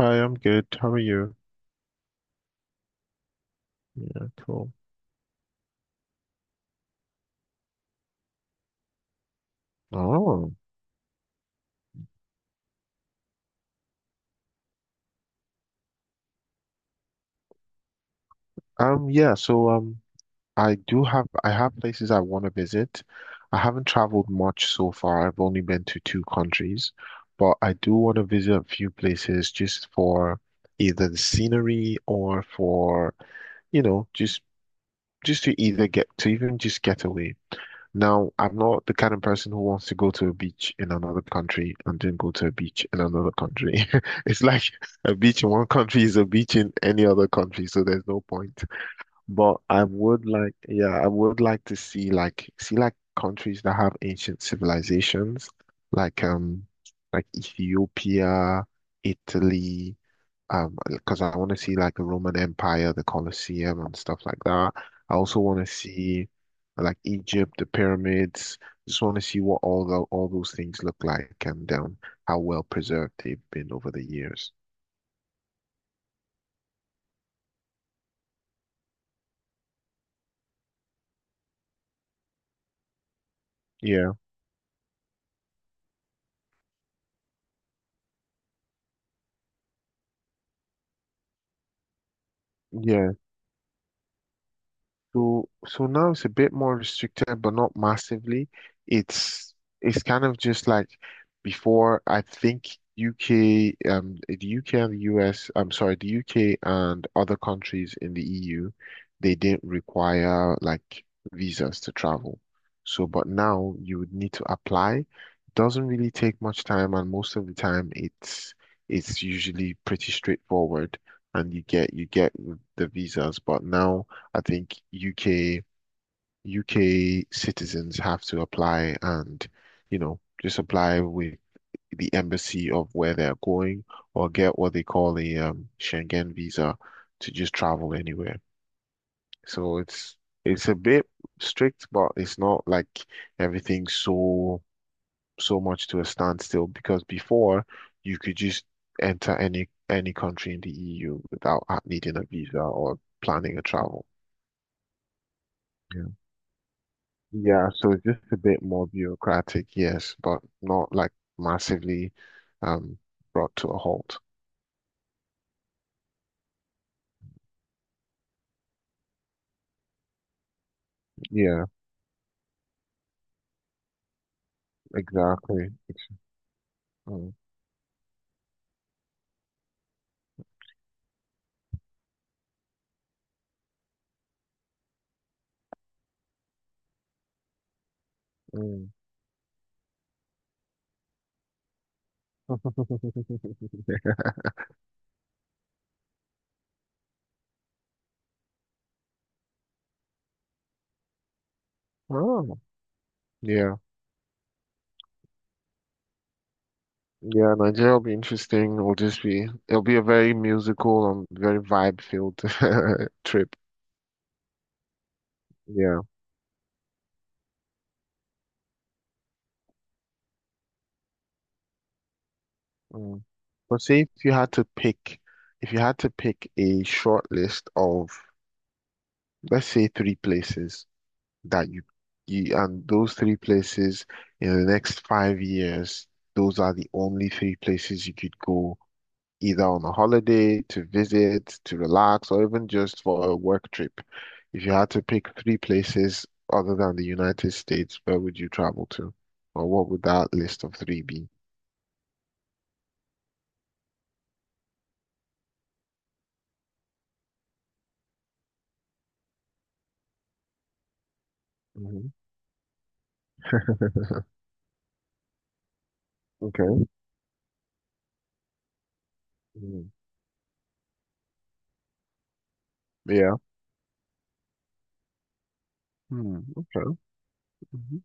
Hi, I'm good. How are you? Yeah, cool. Oh, yeah, so I have places I want to visit. I haven't traveled much so far. I've only been to two countries, but I do want to visit a few places just for either the scenery or for, you know, just to either get to even just get away. Now, I'm not the kind of person who wants to go to a beach in another country and then go to a beach in another country. It's like a beach in one country is a beach in any other country, so there's no point. But yeah, I would like to see countries that have ancient civilizations, like um like Ethiopia, Italy, because I want to see like the Roman Empire, the Colosseum and stuff like that. I also want to see like Egypt, the pyramids. Just want to see what all those things look like and how well preserved they've been over the years. Yeah, yeah. So now it's a bit more restricted, but not massively. It's it's kind of just like before. I think the UK and the US. I'm sorry, the UK and other countries in the EU, they didn't require like visas to travel. So, but now you would need to apply. It doesn't really take much time, and most of the time, it's usually pretty straightforward, and you get the visas. But now. I think UK citizens have to apply and, you know, just apply with the embassy of where they're going or get what they call a Schengen visa to just travel anywhere. So it's it's a bit strict, but it's not like everything's so much to a standstill because before you could just enter any country in the EU without needing a visa or planning a travel. Yeah, so it's just a bit more bureaucratic, yes, but not like massively um brought to a halt. Yeah, exactly. It's, mm, mm. Oh, yeah. Yeah, Nigeria will be interesting. It'll just be it'll be a very musical and very vibe-filled trip. Yeah. Mm. But say if you had to pick if you had to pick a short list of let's say three places that you, you and those three places in the next 5 years, those are the only three places you could go either on a holiday, to visit, to relax, or even just for a work trip. If you had to pick three places other than the United States, where would you travel to? Or what would that list of three be? Hmm. Okay. Mhm. Yeah. Hmm. Okay. Mhm.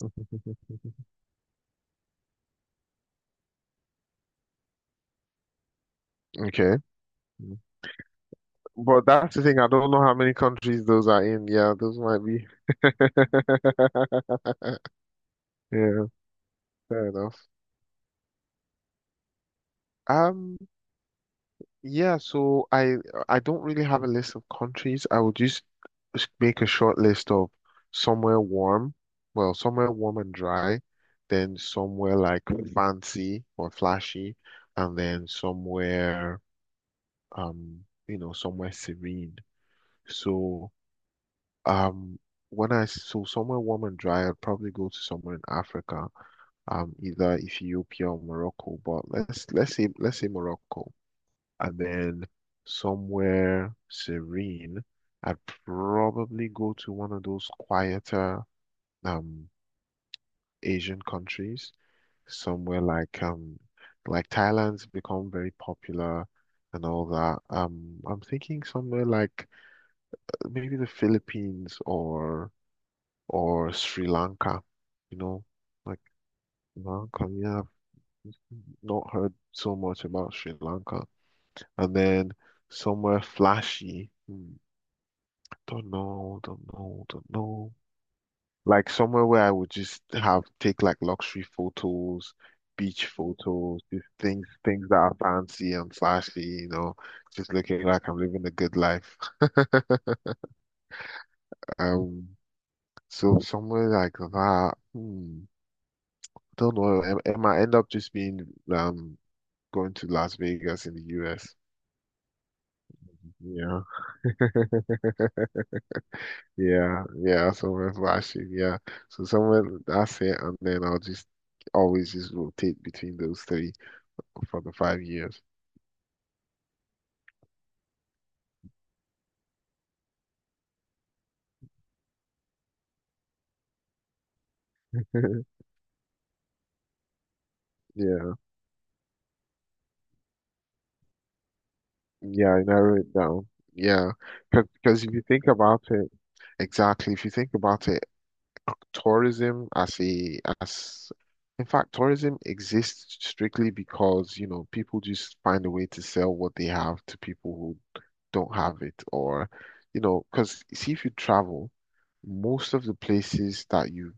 Okay. But that's the thing, I don't know how many countries those are in. Yeah, those might be. Yeah, fair enough. Um, yeah, so I don't really have a list of countries. I would just make a short list of somewhere warm, well, somewhere warm and dry, then somewhere like fancy or flashy, and then somewhere you know, somewhere serene. So um when I so somewhere warm and dry, I'd probably go to somewhere in Africa, either Ethiopia or Morocco, but let's say Morocco. And then somewhere serene, I'd probably go to one of those quieter um Asian countries, somewhere like Thailand's become very popular and all that. I'm thinking somewhere like maybe the Philippines or Sri Lanka, you know, like Sri Lanka. Yeah, I've not heard so much about Sri Lanka. And then somewhere flashy. Hmm. Don't know, don't know, don't know. Like somewhere where I would just have take like luxury photos, beach photos, just things that are fancy and flashy, you know, just looking like I'm living a good life. Um, so somewhere like that, hmm, don't know. It might end up just being um going to Las Vegas in the US. Yeah. Yeah, yeah, someone's watching. Yeah. So someone that's it and then I'll just always just rotate between those three for the 5 years. Yeah. Yeah, I narrow it down. Yeah. Because if you think about it, exactly, if you think about it, tourism as a as in fact, tourism exists strictly because, you know, people just find a way to sell what they have to people who don't have it or, you know, because see if you travel. Most of the places that you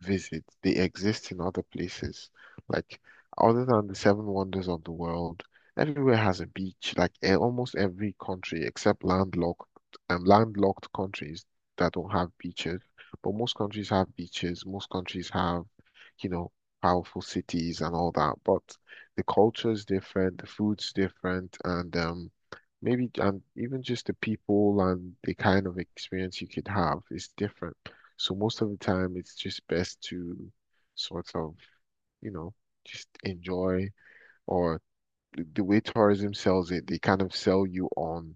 visit, they exist in other places. Like, other than the seven wonders of the world, everywhere has a beach. Like, almost every country except landlocked countries that don't have beaches. But most countries have beaches. Most countries have, you know, powerful cities and all that. But the culture is different, the food's different, and maybe and even just the people and the kind of experience you could have is different. So most of the time, it's just best to sort of, you know, just enjoy or the way tourism sells it, they kind of sell you on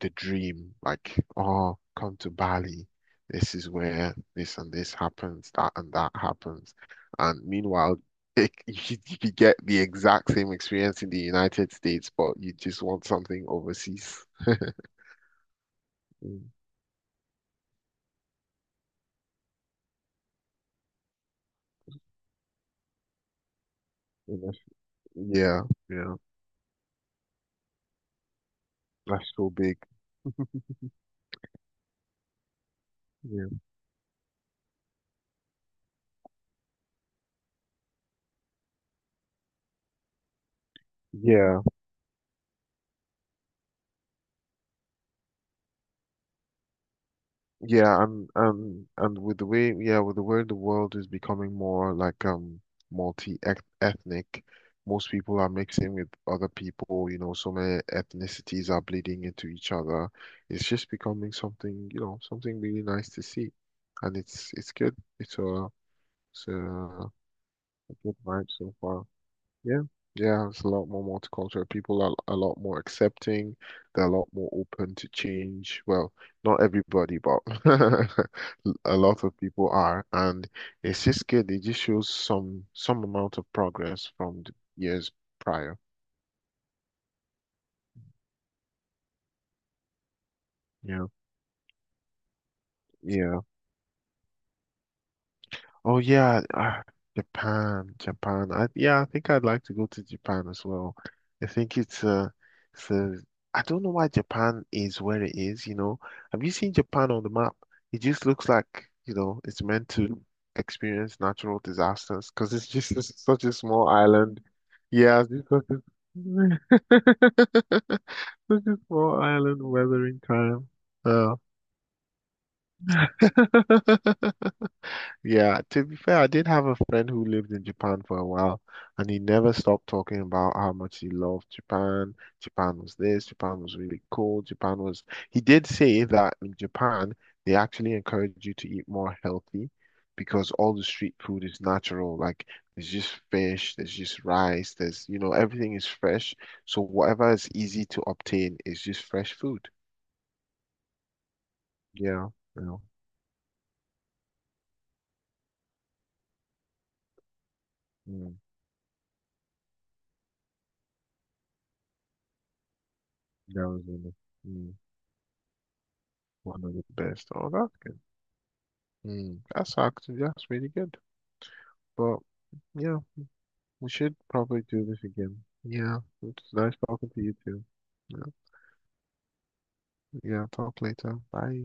the dream, like, oh, come to Bali. This is where this and this happens, that and that happens. And meanwhile, you get the exact same experience in the United States, but you just want something overseas. Mm. And that's- Yeah, yeah, that's so big. Yeah, yeah, yeah, and with the way, yeah, with the way the world is becoming more like multi-ethnic, most people are mixing with other people. You know, so many ethnicities are bleeding into each other. It's just becoming something, you know, something really nice to see, and it's good. It's a good vibe so far. Yeah, yeah, it's a lot more multicultural. People are a lot more accepting. They're a lot more open to change. Well, not everybody, but a lot of people are, and it's just good. It just shows some amount of progress from the years prior. Yeah, yeah. Oh yeah, ah, Japan. Yeah, I think I'd like to go to Japan as well. I think it's I don't know why Japan is where it is, you know. Have you seen Japan on the map? It just looks like, you know, it's meant to experience natural disasters because it's just such a small island. Yeah, it's just such a, such a small island weathering time. Oh. Yeah, to be fair, I did have a friend who lived in Japan for a while, and he never stopped talking about how much he loved Japan. Japan was this, Japan was really cool. Japan was, he did say that in Japan, they actually encourage you to eat more healthy because all the street food is natural. Like, there's just fish, there's just rice, there's, you know, everything is fresh. So, whatever is easy to obtain is just fresh food. Yeah, yeah. Mm, that was really, mm, one of the best. Oh, that's good. Hmm, that's really good. But yeah, we should probably do this again. Yeah, it's nice talking to you too. Yeah, yeah, talk later. Bye.